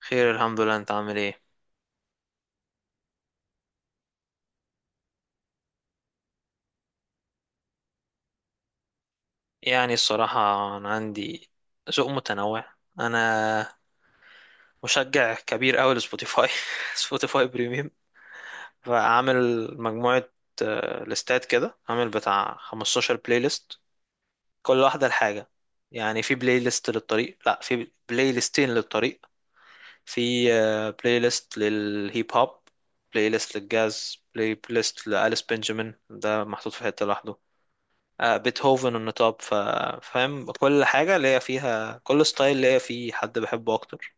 خير، الحمد لله. انت عامل ايه؟ يعني الصراحة، انا عندي ذوق متنوع. انا مشجع كبير اوي لسبوتيفاي. سبوتيفاي بريميوم. فعامل مجموعة، ليستات كده، عامل بتاع 15 بلاي ليست، كل واحدة لحاجة. يعني في بلاي ليست للطريق، لا في بلاي ليستين للطريق. في بلاي ليست للهيب هوب، بلاي ليست للجاز، بلاي ليست لأليس بنجامين ده محطوط في حتة لوحده. بيتهوفن النطاب. فاهم، كل حاجة ليا فيها، كل ستايل ليا فيه حد بحبه أكتر.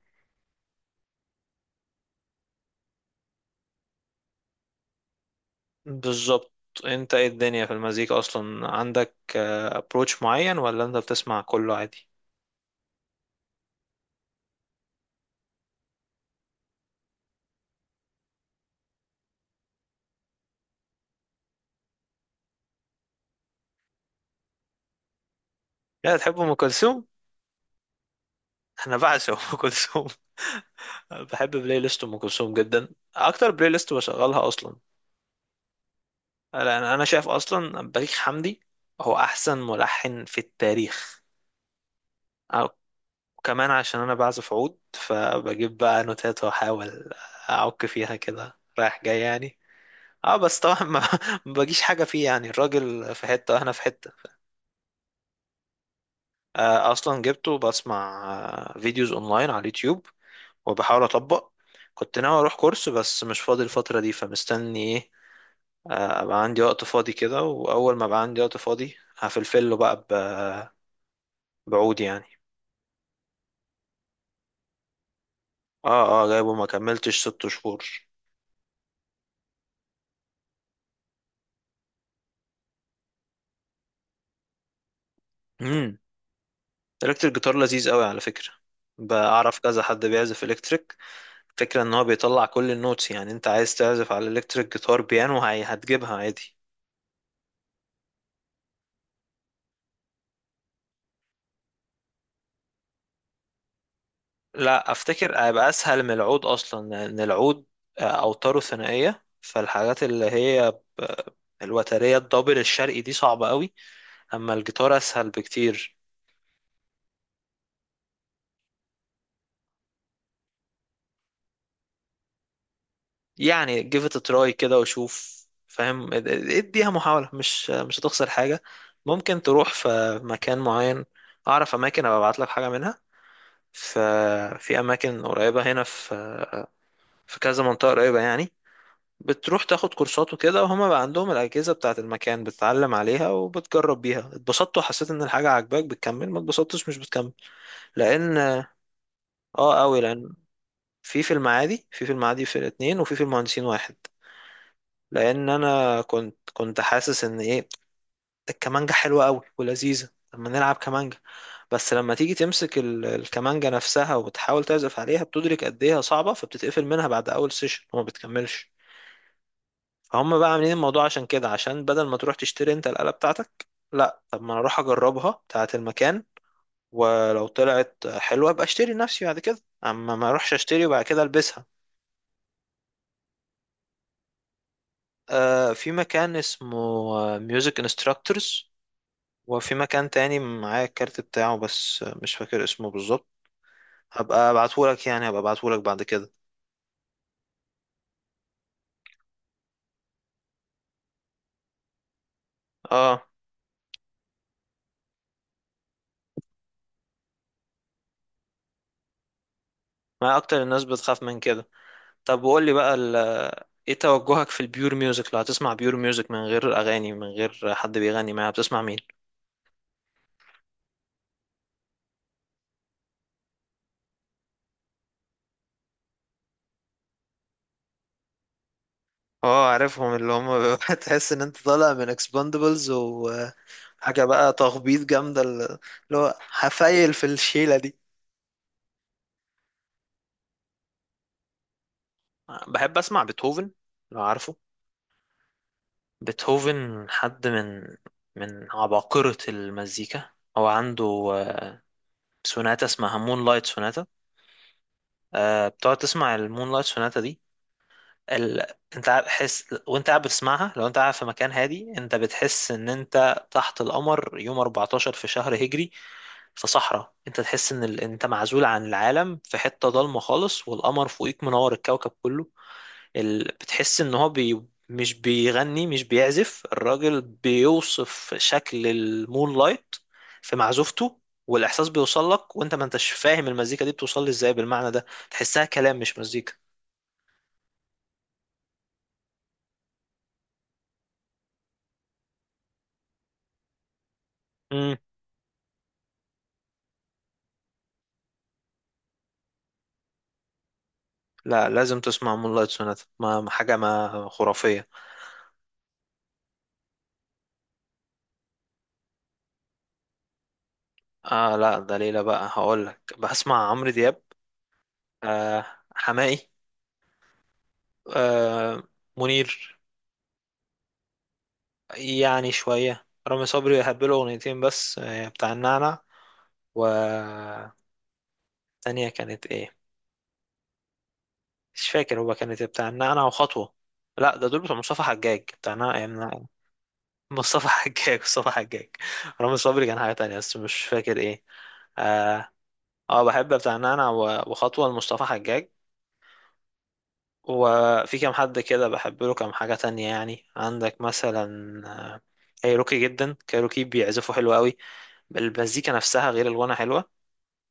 بالظبط. أنت إيه الدنيا في المزيكا أصلا، عندك أبروتش معين ولا أنت بتسمع كله عادي؟ لا تحب أم كلثوم؟ أنا بعشق أم كلثوم. بحب بلاي ليست أم كلثوم جدا، أكتر بلاي ليست بشغلها أصلا. لأن أنا شايف أصلا بليغ حمدي هو أحسن ملحن في التاريخ. وكمان عشان انا بعزف عود، فبجيب بقى نوتات واحاول اعك فيها كده رايح جاي يعني. اه بس طبعا ما ما بجيش حاجة فيه، يعني الراجل في حتة واحنا في حتة. اصلا جبته، بسمع فيديوز اونلاين على اليوتيوب، وبحاول اطبق. كنت ناوي اروح كورس بس مش فاضي الفترة دي، فمستني ايه؟ ابقى عندي وقت فاضي كده، واول ما ابقى عندي وقت فاضي هفلفله بقى بعود يعني. اه، جايبه ما كملتش ست شهور. الكتريك جيتار لذيذ قوي على فكرة، بعرف كذا حد بيعزف الكتريك. فكرة ان هو بيطلع كل النوتس، يعني انت عايز تعزف على الكتريك جيتار بيانو هتجيبها عادي. لا، افتكر هيبقى اسهل من العود، اصلا لان العود اوتاره ثنائية، فالحاجات اللي هي ب- الوترية الدبل الشرقي دي صعبة قوي. اما الجيتار اسهل بكتير. يعني give it a try كده وشوف، فاهم. اديها محاولة، مش هتخسر حاجة. ممكن تروح في مكان معين، اعرف اماكن ابقى ابعت لك حاجة منها. ففي اماكن قريبة هنا، في كذا منطقة قريبة يعني. بتروح تاخد كورسات وكده، وهما بقى عندهم الأجهزة بتاعة المكان، بتتعلم عليها وبتجرب بيها. اتبسطت وحسيت ان الحاجة عاجباك، بتكمل. ما اتبسطتش، مش بتكمل. لان اه قوي، لان في المعادي، في المعادي في الاتنين، وفي المهندسين واحد. لان انا كنت حاسس ان ايه، الكمانجة حلوة قوي ولذيذة لما نلعب كمانجة. بس لما تيجي تمسك الكمانجة نفسها وتحاول تعزف عليها، بتدرك قد ايه هي صعبة، فبتتقفل منها بعد اول سيشن وما بتكملش. فهم بقى عاملين الموضوع عشان كده، عشان بدل ما تروح تشتري انت الآلة بتاعتك، لا طب ما انا اروح اجربها بتاعة المكان، ولو طلعت حلوة ابقى اشتري لنفسي بعد كده، اما ما اروحش اشتري وبعد كده البسها. في مكان اسمه ميوزك انستراكتورز، وفي مكان تاني معايا الكارت بتاعه بس مش فاكر اسمه بالظبط. هبقى ابعتهولك، يعني هبقى ابعتهولك بعد كده. اه، ما اكتر الناس بتخاف من كده. طب وقول لي بقى ايه توجهك في البيور ميوزك؟ لو هتسمع بيور ميوزك من غير اغاني، من غير حد بيغني معاها، بتسمع مين؟ اه عارفهم اللي هم بيبقى تحس ان انت طالع من اكسباندبلز، وحاجه بقى تخبيط جامده اللي هو هفايل في الشيله دي. بحب اسمع بيتهوفن، لو عارفه. بيتهوفن حد من عباقرة المزيكا. هو عنده آه، سوناتا اسمها مون لايت سوناتا. بتقعد تسمع المون لايت سوناتا دي، ال... حس وانت قاعد بتسمعها. لو انت قاعد في مكان هادي، انت بتحس ان انت تحت القمر يوم 14 في شهر هجري، في صحراء. انت تحس ان انت معزول عن العالم في حتة ضلمة خالص، والقمر فوقيك منور الكوكب كله. بتحس ان هو مش بيغني، مش بيعزف. الراجل بيوصف شكل المون لايت في معزوفته، والاحساس بيوصل لك وانت ما انتش فاهم المزيكا دي بتوصل لي ازاي، بالمعنى ده تحسها كلام مش مزيكا. امم. لا، لازم تسمع مون لايت سوناتا، حاجه ما خرافيه. اه لا ده ليلى بقى، هقول لك. بسمع عمرو دياب، آه حماقي، آه منير. يعني شوية رامي صبري، هبله أغنيتين بس، بتاع النعنع. والتانية كانت إيه؟ مش فاكر هو كانت إيه، بتاع النعنع وخطوة. لا ده دول بتوع مصطفى حجاج، بتاع النعنع إيه، النعنع. مصطفى حجاج، مصطفى حجاج. رامي صبري كان حاجة تانية بس مش فاكر إيه. اه. بحب بتاع النعنع وخطوة لمصطفى حجاج. وفي كام حد كده بحب له كام حاجة تانية، يعني عندك مثلا آه، كايروكي. جدا كايروكي بيعزفوا حلو قوي، المزيكا نفسها غير الغنى حلوة.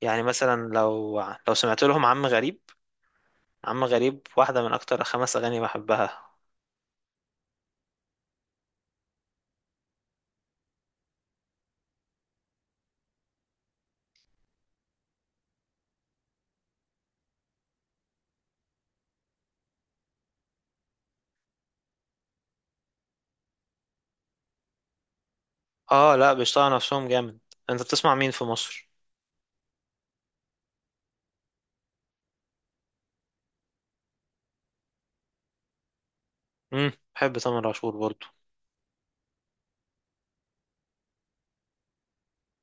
يعني مثلا لو سمعت لهم عم غريب. عم غريب واحدة من أكتر خمس أغاني بحبها. لأ، بيشتغلوا نفسهم جامد. أنت بتسمع مين في مصر؟ مم. بحب تامر عاشور برضو.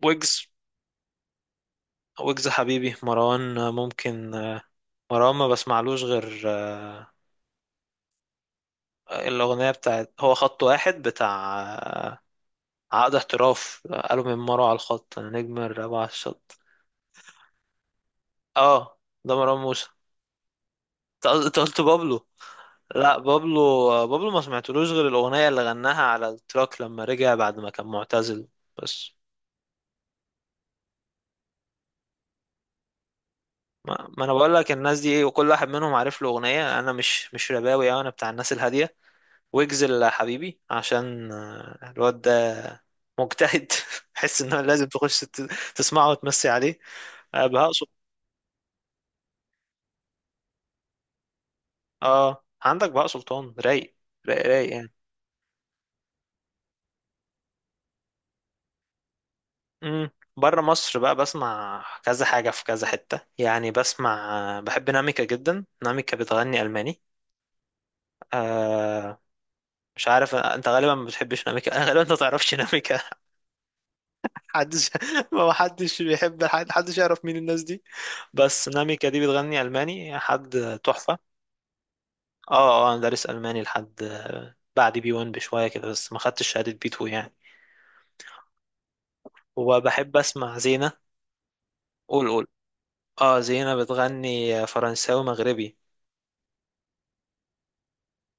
ويجز. ويجز حبيبي، مروان ممكن. مروان ما بسمعلوش غير الأغنية بتاعت هو خط واحد، بتاع عقد احتراف. قالوا من مرة على الخط أنا نجم الرابعة على الشط. آه ده مروان موسى. أنت قلت، أنت قلت بابلو. لا، بابلو بابلو ما سمعتلوش غير الأغنية اللي غناها على التراك لما رجع بعد ما كان معتزل بس. ما انا بقول لك الناس دي ايه، وكل واحد منهم عارف له أغنية. انا مش رباوي أوي، انا بتاع الناس الهادية. ويجز اللي حبيبي عشان الواد ده مجتهد. حس ان هو لازم تخش تسمعه وتمسي عليه. بهاء سلطان. اه، عندك بهاء سلطان رايق، رايق رايق يعني. امم بره مصر بقى بسمع كذا حاجة في كذا حتة، يعني بحب ناميكا جدا، ناميكا بتغني ألماني. آه مش عارف، انت غالبا ما بتحبش ناميكا. غالبا انت ما تعرفش ناميكا. محدش، ما حدش بيحب حد، حدش يعرف مين الناس دي. بس ناميكا دي بتغني ألماني حد تحفة. اه، انا دارس ألماني لحد بعد بي 1 بشوية كده، بس ما خدتش شهادة بي 2 يعني. وبحب اسمع زينة. قول قول. اه، زينة بتغني فرنساوي مغربي.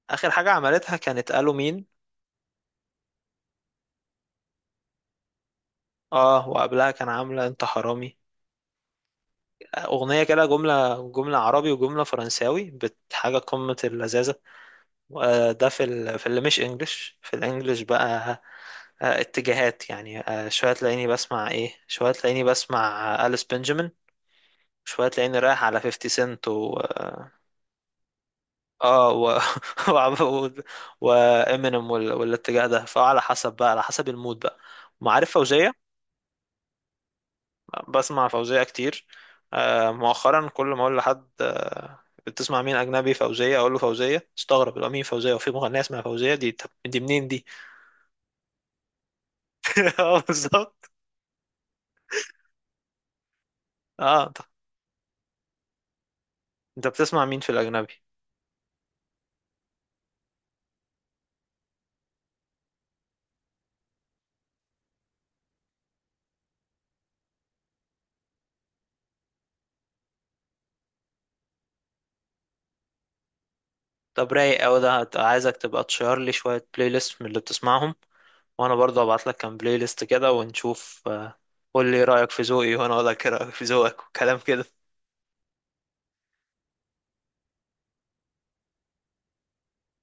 اخر حاجه عملتها كانت قالوا مين. اه وقبلها كان عامله انت حرامي، اغنيه كده جمله جمله عربي وجمله فرنساوي، بحاجه قمه اللذاذه. ده في في اللي مش انجلش، في الانجليش بقى اتجاهات يعني. شويه تلاقيني بسمع ايه، شويه تلاقيني بسمع أليس بنجامين. شويه تلاقيني رايح على 50 سنت و اه آه، و و وامينيم وال... والاتجاه ده، فعلى حسب بقى، على حسب المود بقى. معارف فوزيه، بسمع فوزية كتير. مؤخرا كل ما اقول لحد بتسمع مين اجنبي، فوزية، اقول له فوزية، استغرب يبقى مين فوزية، وفي مغنية اسمها فوزية دي؟ طب دي منين دي؟ اه بالظبط. اه طب، انت بتسمع مين في الاجنبي؟ طب رايق اوي ده، عايزك تبقى تشير لي شوية بلاي ليست من اللي بتسمعهم، وانا برضه ابعت لك كام بلاي ليست كده ونشوف. قول لي رايك في ذوقي، وانا اقول لك إيه رايك في ذوقك، وكلام كده.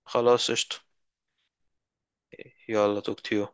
خلاص قشطة. يلا توك تيو.